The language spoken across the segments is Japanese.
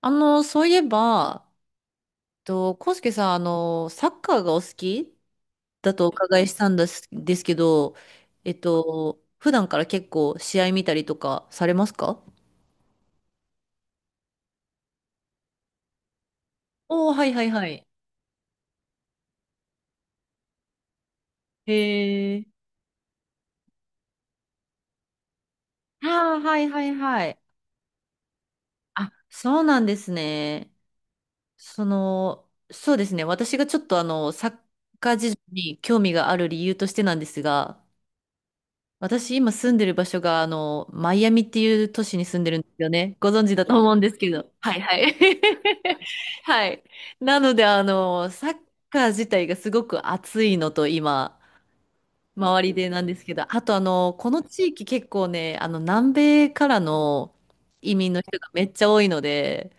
そういえば、康介さん、サッカーがお好きだとお伺いしたんですけど、普段から結構試合見たりとかされますか？おー、はいはいはい。へえ。ああ、はいはいはい。あ、そうなんですね。そうですね。私がちょっとサッカー事情に興味がある理由としてなんですが、私今住んでる場所が、マイアミっていう都市に住んでるんですよね。ご存知だと思うんですけど。はいはい。はい。なので、サッカー自体がすごく熱いのと今、周りでなんですけど、あとこの地域結構ね、南米からの移民の人がめっちゃ多いので、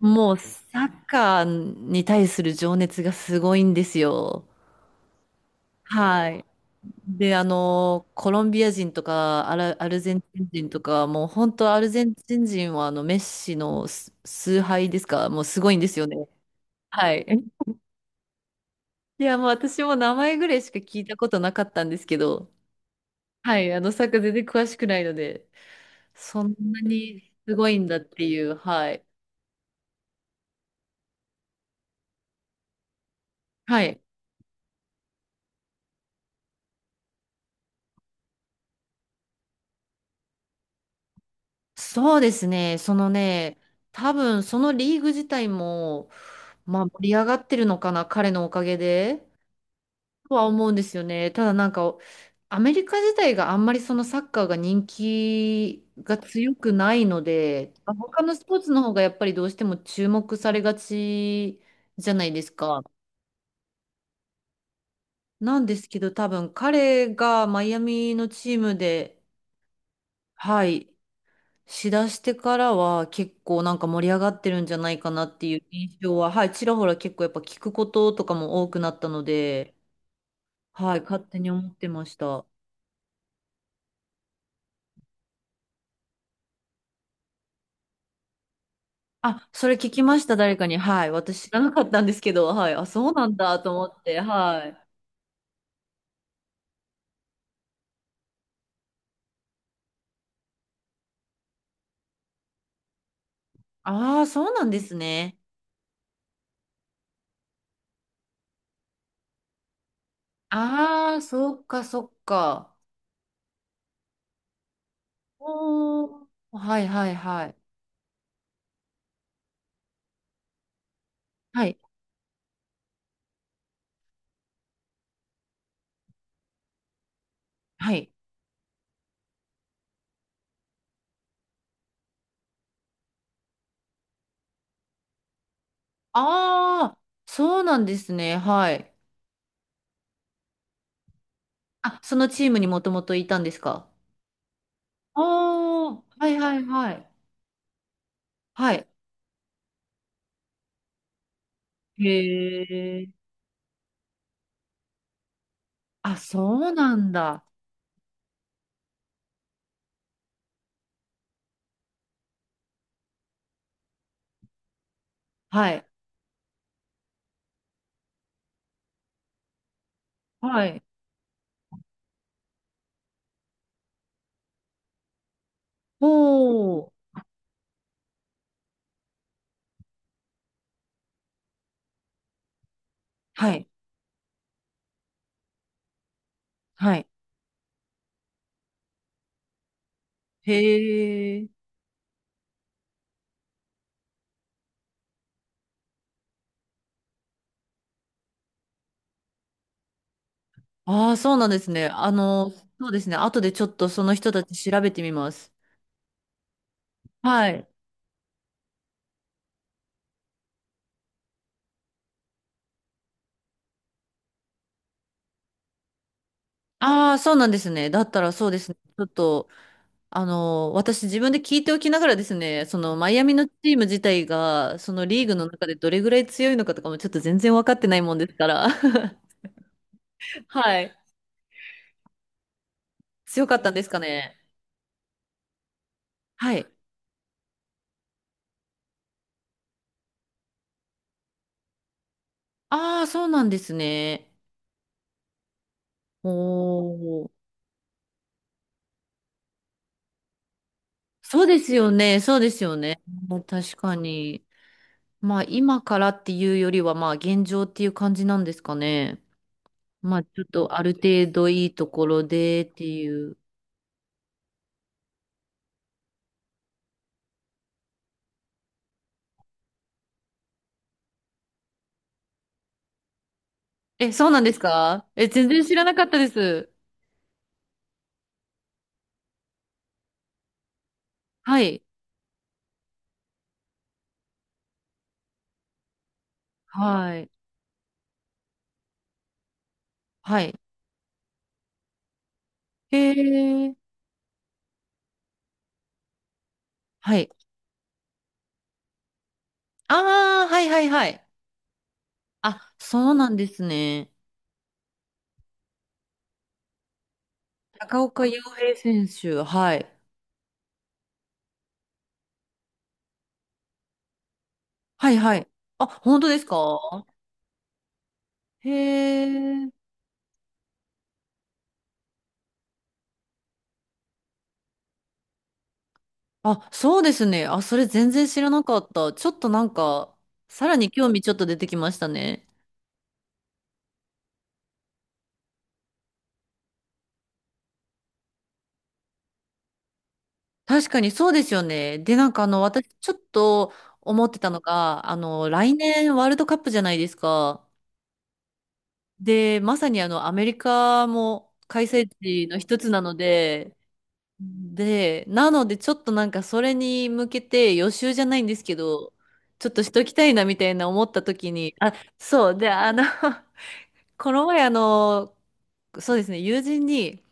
もうサッカーに対する情熱がすごいんですよ。はい。で、コロンビア人とかアルゼンチン人とか、もう本当アルゼンチン人はあのメッシの崇拝ですか、もうすごいんですよね。はい。いや、もう私も名前ぐらいしか聞いたことなかったんですけど、はい、サッカー全然詳しくないので、そんなにすごいんだっていう、はい。はい。そうですね、そのね、多分そのリーグ自体も、まあ盛り上がってるのかな、彼のおかげで。とは思うんですよね。ただなんか、アメリカ自体があんまりそのサッカーが人気が強くないので、他のスポーツの方がやっぱりどうしても注目されがちじゃないですか。なんですけど、多分彼がマイアミのチームで、はい、しだしてからは結構なんか盛り上がってるんじゃないかなっていう印象は、はい、ちらほら結構やっぱ聞くこととかも多くなったので、はい、勝手に思ってました。あ、それ聞きました、誰かに。はい。私知らなかったんですけど、はい。あ、そうなんだと思って、はい。ああ、そうなんですね。ああ、そっか、そっか。おー、はいはいはい。はい、はい。ああ、そうなんですね。はい。あ、そのチームにもともといたんですか？ああはいはいはい。はい。へえ。あ、そうなんだ。はい。はい。おー、はい。はい。へえ。ああ、そうなんですね。そうですね。後でちょっとその人たち調べてみます。はい。ああ、そうなんですね。だったらそうですね。ちょっと、私自分で聞いておきながらですね、そのマイアミのチーム自体が、そのリーグの中でどれぐらい強いのかとかもちょっと全然分かってないもんですから。はい。強かったんですかね。はい。ああ、そうなんですね。おー。そうですよね。そうですよね。確かに。まあ今からっていうよりはまあ現状っていう感じなんですかね。まあちょっとある程度いいところでっていう。え、そうなんですか？え、全然知らなかったです。はい。はい。はい。へえ。はい。ああ、はいはいはい。あ、そうなんですね。高岡洋平選手。はい。はいはい。あ、本当ですか？へえ。あ、そうですね。あ、それ全然知らなかった。ちょっとなんか、さらに興味ちょっと出てきましたね。確かにそうですよね。で、なんか私ちょっと思ってたのが、来年ワールドカップじゃないですか。で、まさにアメリカも開催地の一つなので、で、なのでちょっとなんかそれに向けて予習じゃないんですけど、ちょっとしときたいなみたいな思った時に、あ、そう、で、この前そうですね、友人に、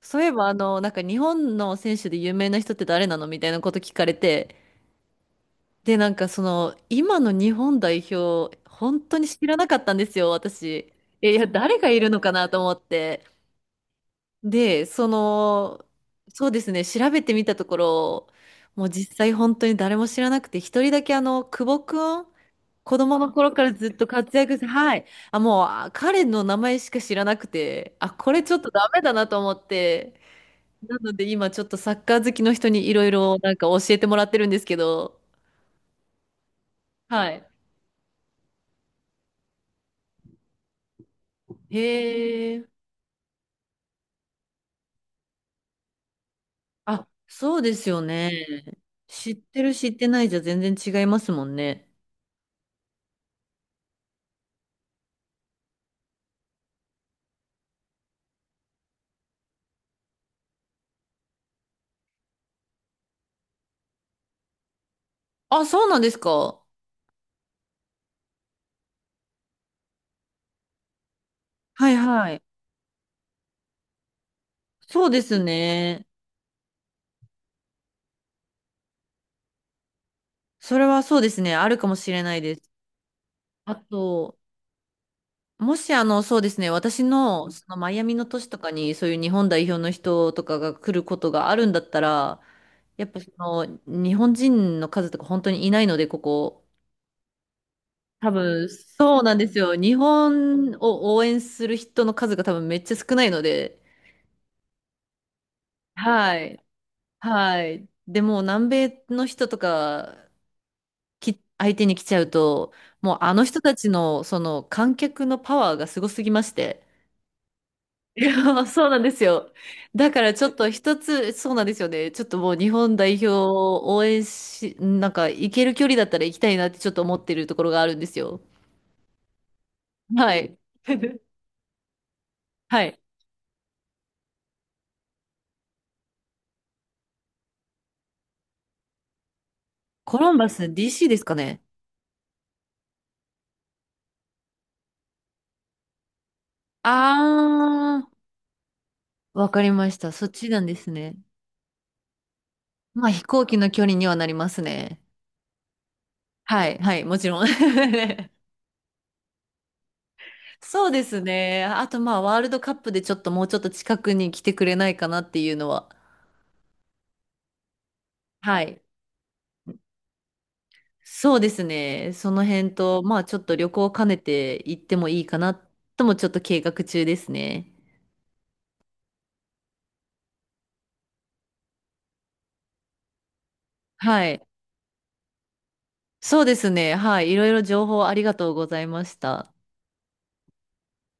そういえばなんか日本の選手で有名な人って誰なのみたいなこと聞かれて、で、なんか今の日本代表、本当に知らなかったんですよ、私。えいや、誰がいるのかなと思って。で、そうですね、調べてみたところ、もう実際本当に誰も知らなくて、一人だけ久保くん、子供の頃からずっと活躍して、はい。あ、もう、あ彼の名前しか知らなくて、あ、これちょっとダメだなと思って、なので今ちょっとサッカー好きの人にいろいろなんか教えてもらってるんですけど。はい。へえ。あ、そうですよね。知ってる知ってないじゃ全然違いますもんね。あ、そうなんですか。はいはい。そうですね。それはそうですね。あるかもしれないです。あと、もしそうですね。私のそのマイアミの都市とかにそういう日本代表の人とかが来ることがあるんだったら、やっぱその日本人の数とか本当にいないので、ここ。多分、そうなんですよ。日本を応援する人の数が多分めっちゃ少ないので、はい。はい。でも、南米の人とか、相手に来ちゃうと、もうあの人たちの、その観客のパワーがすごすぎまして。いや、そうなんですよ。だからちょっと一つ、そうなんですよね。ちょっともう日本代表を応援し、なんか行ける距離だったら行きたいなってちょっと思ってるところがあるんですよ。はい。はい。コロンバス DC ですかね？あー、わかりました。そっちなんですね。まあ飛行機の距離にはなりますね。はい、はい、もちろん。そうですね。あとまあワールドカップでちょっともうちょっと近くに来てくれないかなっていうのは。はい。そうですね。その辺と、まあちょっと旅行を兼ねて行ってもいいかなともちょっと計画中ですね。はい。そうですね。はい。いろいろ情報ありがとうございました。